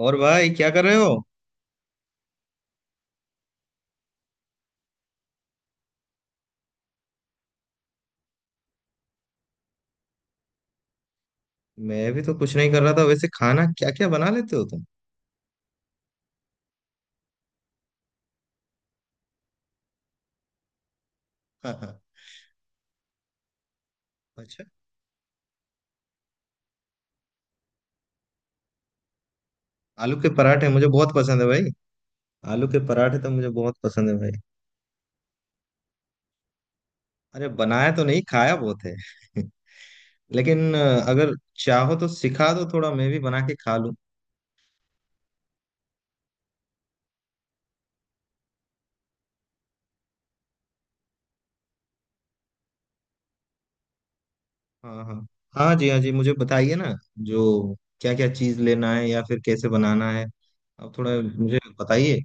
और भाई, क्या कर रहे हो? मैं भी तो कुछ नहीं कर रहा था। वैसे खाना क्या क्या बना लेते हो तुम? हाँ हाँ। अच्छा। आलू के पराठे मुझे बहुत पसंद है भाई। आलू के पराठे तो मुझे बहुत पसंद है भाई। अरे, बनाया तो नहीं, खाया बहुत है। लेकिन अगर चाहो तो सिखा दो, थोड़ा मैं भी बना के खा लूं। हाँ हाँ। हाँ जी, हाँ जी, मुझे बताइए ना। जो। क्या क्या चीज लेना है या फिर कैसे बनाना है? अब थोड़ा। मुझे बताइए।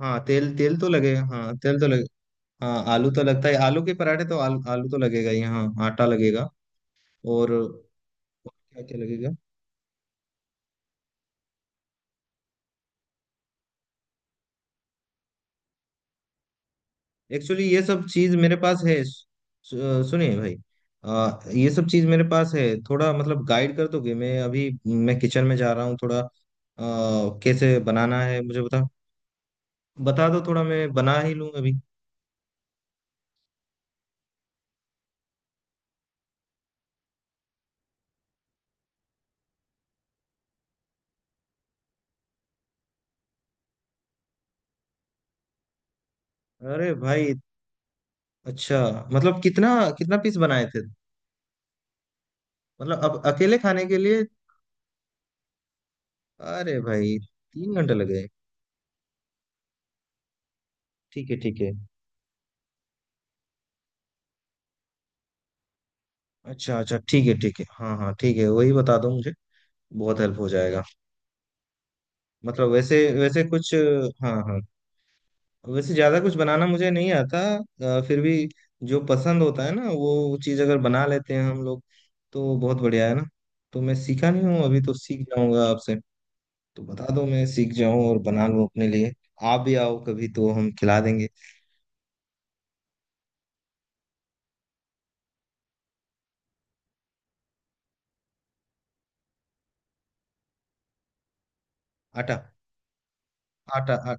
हाँ, तेल तेल तो लगेगा। हाँ, तेल तो लगेगा। हाँ, आलू तो लगता है। आलू के पराठे तो आलू, आलू तो लगेगा ही। हाँ, आटा लगेगा। और क्या क्या लगेगा? एक्चुअली, ये सब चीज मेरे पास है। सुनिए भाई। ये सब चीज मेरे पास है, थोड़ा मतलब गाइड कर दोगे? मैं अभी मैं किचन में जा रहा हूँ, थोड़ा कैसे बनाना है मुझे बता। बता दो थोड़ा, मैं बना ही लूँ अभी। अरे भाई। अच्छा, मतलब कितना? कितना पीस बनाए थे? मतलब अब अकेले खाने के लिए? अरे भाई, 3 घंटे लगे? ठीक है ठीक है। अच्छा अच्छा, ठीक है ठीक है, हाँ हाँ, ठीक है, वही बता दो मुझे। बहुत हेल्प हो जाएगा। मतलब वैसे वैसे कुछ। हाँ हाँ। वैसे ज्यादा कुछ बनाना मुझे नहीं आता। फिर भी, जो पसंद होता है ना वो चीज, अगर बना लेते हैं हम लोग तो बहुत बढ़िया है ना। तो मैं सीखा नहीं हूँ, अभी तो सीख जाऊंगा आपसे। तो बता दो, मैं सीख जाऊँ और बना लूँ अपने लिए। आप भी आओ कभी तो हम खिला देंगे। आटा। आटा,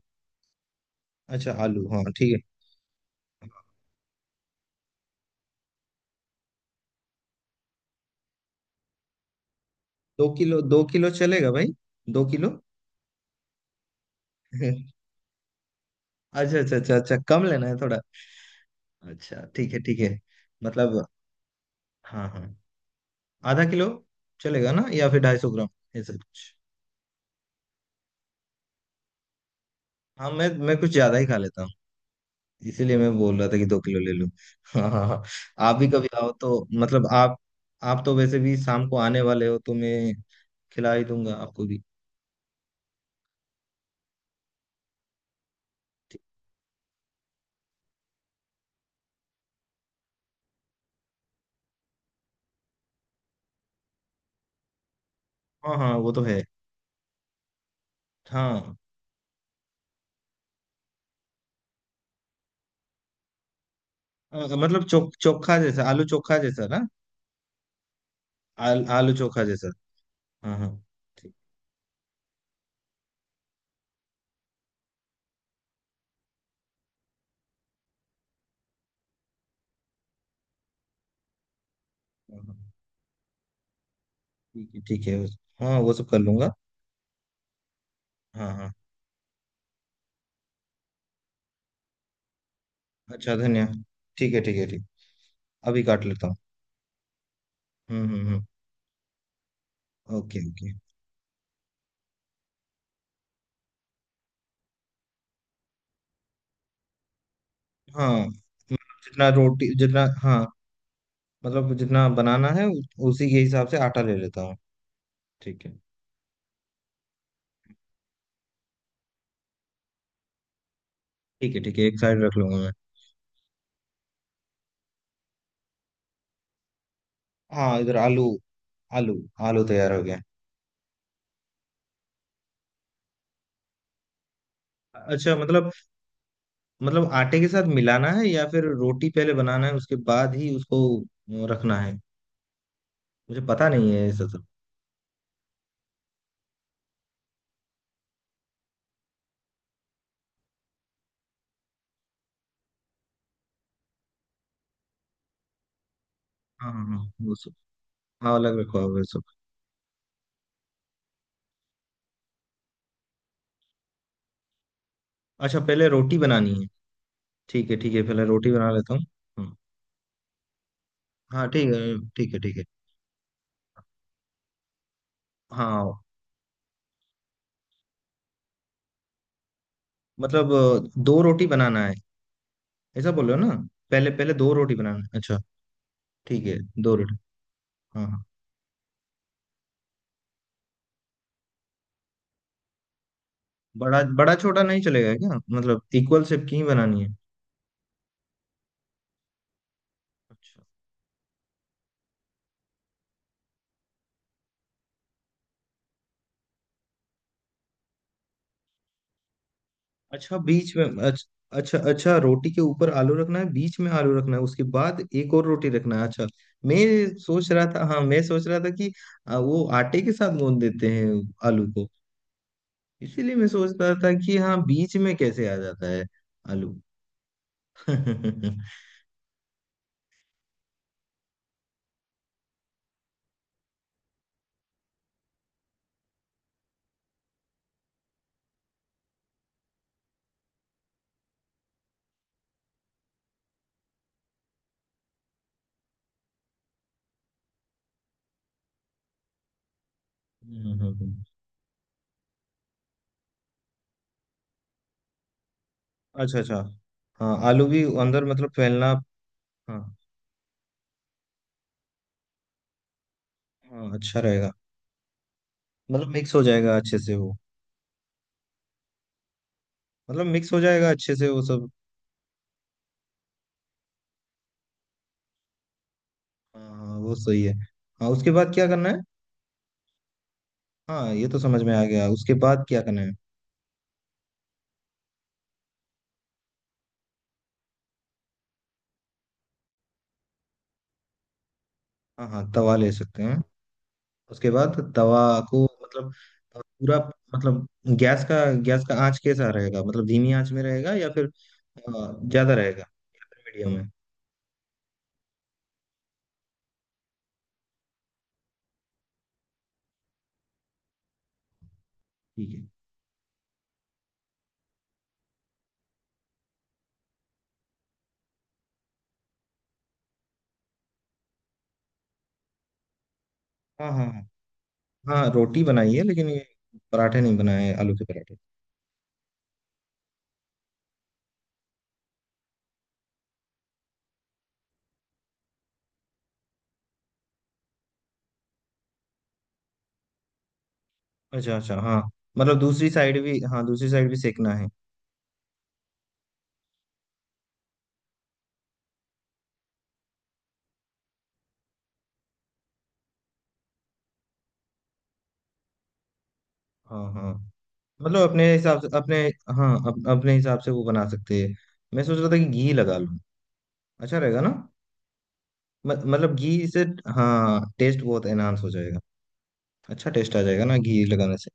अच्छा, आलू, हाँ ठीक है। 2 किलो, 2 किलो चलेगा भाई? 2 किलो। अच्छा अच्छा अच्छा अच्छा, कम लेना है थोड़ा। अच्छा, ठीक है ठीक है। मतलब। हाँ हाँ। आधा किलो। चलेगा ना? या फिर 250 ग्राम? ऐसा कुछ। हाँ, मैं कुछ ज्यादा ही खा लेता हूँ। इसीलिए मैं बोल रहा था कि 2 किलो ले लूँ। हाँ हाँ हाँ। आप भी कभी आओ तो मतलब आप। आप तो वैसे भी शाम को आने वाले हो, तो मैं खिला ही दूंगा आपको भी। हाँ हाँ, वो तो है। हाँ। अ, मतलब चोखा जैसा, आलू चोखा जैसा ना। आलू चोखा जैसा। हाँ हाँ। ठीक। हाँ, हाँ। ठीक है ठीक है। हाँ, वो सब कर लूंगा। हाँ हाँ। अच्छा, धन्यवाद। ठीक है ठीक है ठीक। अभी काट लेता हूँ। हम्म। Okay okay. हाँ मतलब, जितना रोटी जितना, हाँ। मतलब जितना बनाना है उसी के हिसाब से आटा ले लेता हूँ। ठीक है। ठीक है ठीक है, एक साइड रख लूंगा मैं। हाँ, इधर आलू। आलू। आलू तैयार हो गया। अच्छा, मतलब, मतलब आटे के साथ मिलाना है या फिर रोटी पहले बनाना है उसके बाद ही उसको अ, रखना है? मुझे पता नहीं है ऐसा सब। हाँ हाँ हाँ। वो सब। हाँ, अलग रखवा होगा सब। अच्छा, पहले रोटी बनानी है। ठीक है ठीक है, पहले रोटी बना लेता हूँ। हम्म। हाँ, ठीक है ठीक है ठीक है। हाँ मतलब, दो रोटी बनाना है, ऐसा बोल रहे हो ना? पहले पहले दो रोटी बनाना है, अच्छा। ठीक है, दो रोटी। हाँ हाँ। बड़ा बड़ा छोटा नहीं चलेगा क्या? मतलब इक्वल शेप की ही बनानी है? अच्छा अच्छा, बीच में। अच्छा अच्छा अच्छा, रोटी के ऊपर आलू रखना है, बीच में आलू रखना है, उसके बाद एक और रोटी रखना है, अच्छा। मैं सोच रहा था, हाँ मैं सोच रहा था कि वो आटे के साथ गूंद देते हैं, आलू को। इसीलिए मैं सोच रहा था कि हाँ, बीच में कैसे आ जाता है आलू। हम्म। अच्छा अच्छा, हाँ, आलू भी अंदर, मतलब फैलना। हाँ। हाँ, अच्छा रहेगा। मतलब मिक्स हो जाएगा अच्छे से वो। मतलब मिक्स हो जाएगा अच्छे से वो सब। हाँ हाँ, वो सही है। हाँ, उसके बाद क्या करना है? हाँ, ये तो समझ में आ गया, उसके बाद क्या करना है? हाँ हाँ, तवा ले सकते हैं। उसके बाद तवा को, मतलब पूरा, मतलब गैस का आंच कैसा रहेगा? मतलब धीमी आंच में रहेगा या फिर ज्यादा रहेगा? मीडियम में? ठीक है। हाँ हाँ। हाँ हाँ, रोटी बनाई है लेकिन ये पराठे नहीं बनाए हैं, आलू के पराठे। अच्छा अच्छा, हाँ मतलब, दूसरी साइड भी, हाँ, दूसरी साइड भी सेकना है। हाँ हाँ मतलब, अपने हिसाब से अपने, हाँ, अपने हिसाब से वो बना सकते हैं। मैं सोच रहा था कि घी लगा लूँ, अच्छा रहेगा ना? मतलब घी से, हाँ टेस्ट बहुत एनहांस हो जाएगा। अच्छा टेस्ट आ जाएगा ना घी लगाने से?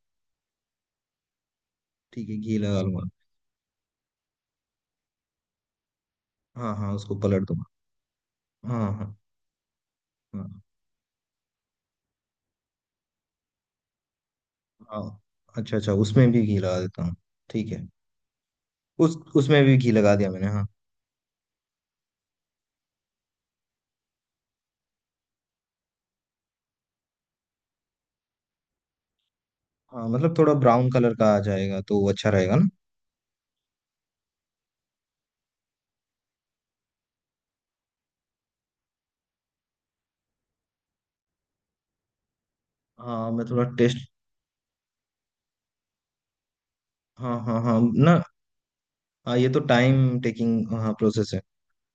ठीक है, घी लगा लूंगा। हाँ हाँ, उसको पलट दूंगा। हाँ हाँ। हाँ हाँ। अच्छा अच्छा, उसमें भी घी लगा देता हूँ। ठीक है। उस उसमें भी घी लगा दिया मैंने, हाँ। हाँ मतलब, थोड़ा ब्राउन कलर का आ जाएगा तो अच्छा रहेगा ना? हाँ, मैं थोड़ा टेस्ट। हाँ हाँ हाँ। ना। हाँ, ये तो टाइम टेकिंग हाँ प्रोसेस है।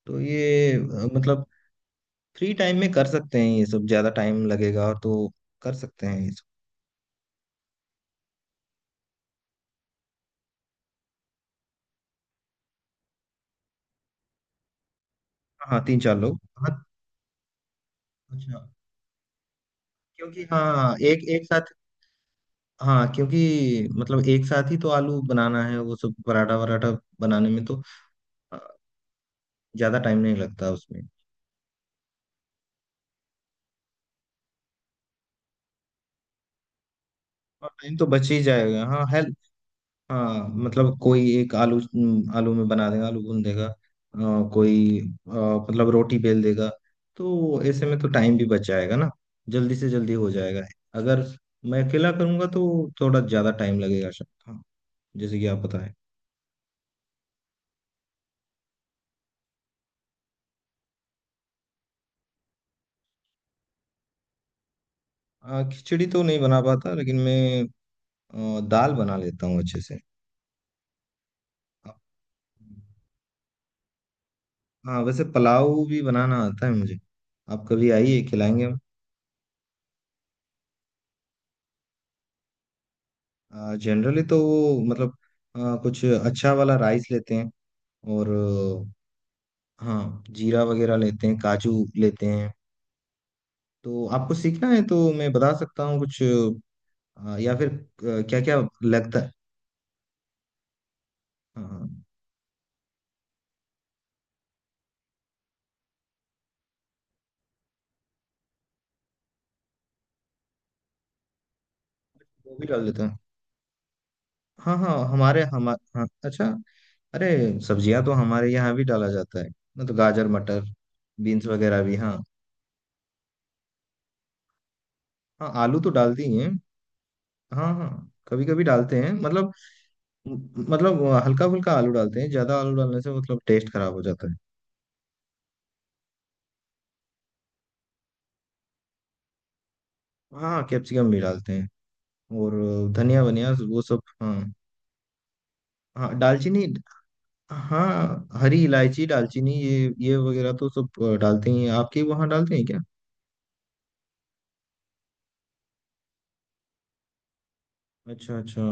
तो ये मतलब फ्री टाइम में कर सकते हैं ये सब, ज़्यादा टाइम लगेगा तो कर सकते हैं ये सब। हाँ, तीन चार लोग, हाँ। अच्छा। क्योंकि हाँ एक एक साथ, हाँ क्योंकि मतलब एक साथ ही तो आलू बनाना है, वो सब पराठा वराठा बनाने में तो अ, ज्यादा टाइम नहीं लगता उसमें। और टाइम तो बच ही जाएगा, हाँ हेल्प। हाँ मतलब, कोई एक आलू, आलू में बना देगा, आलू भून देगा, कोई मतलब रोटी बेल देगा। तो ऐसे में तो टाइम भी बच जाएगा ना? जल्दी से जल्दी हो जाएगा। अगर मैं अकेला करूंगा तो थोड़ा ज्यादा टाइम लगेगा शायद, हाँ। जैसे कि आप बताएं। खिचड़ी तो नहीं बना पाता, लेकिन मैं दाल बना लेता हूँ अच्छे से। हाँ, वैसे पुलाव भी बनाना आता है मुझे। आप कभी आइए, खिलाएंगे हम। जनरली तो वो मतलब कुछ अच्छा वाला राइस लेते हैं। और हाँ, जीरा वगैरह लेते हैं, काजू लेते हैं। तो आपको सीखना है तो मैं बता सकता हूँ कुछ। या फिर क्या क्या लगता है? हाँ हाँ, वो भी डाल लेते हैं। हाँ हाँ, हमारे हम, हाँ, अच्छा। अरे, सब्जियां तो हमारे यहाँ भी डाला जाता है। मतलब गाजर, मटर, बीन्स वगैरह भी, हाँ। हाँ, आलू तो डालती हैं। हाँ हाँ। कभी कभी डालते हैं मतलब, मतलब हल्का फुल्का आलू डालते हैं, ज्यादा आलू डालने से मतलब टेस्ट खराब हो जाता है। हाँ हाँ, कैप्सिकम भी डालते हैं। और धनिया वनिया वो सब, हाँ। हाँ, दालचीनी, हाँ हरी इलायची, दालचीनी, ये वगैरह तो सब डालते ही हैं। आपके वहाँ डालते हैं क्या? अच्छा अच्छा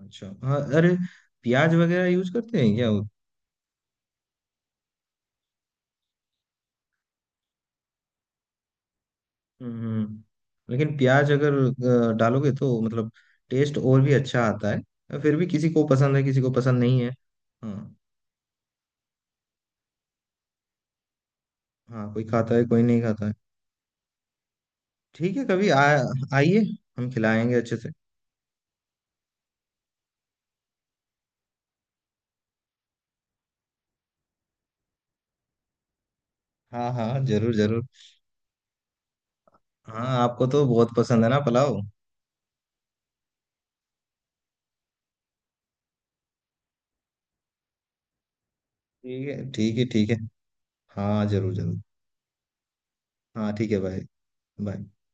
अच्छा, हाँ, अरे, प्याज वगैरह यूज करते हैं क्या? हम्म। लेकिन प्याज अगर डालोगे तो मतलब टेस्ट और भी अच्छा आता है, फिर भी किसी को पसंद है किसी को पसंद नहीं है। हाँ हाँ, कोई खाता है कोई नहीं खाता है। ठीक है, कभी आ आइए, हम खिलाएंगे अच्छे से। हाँ हाँ, जरूर जरूर। हाँ, आपको तो बहुत पसंद है ना पुलाव? ठीक है ठीक है ठीक है। हाँ, जरूर जरूर। हाँ ठीक है भाई। बाय।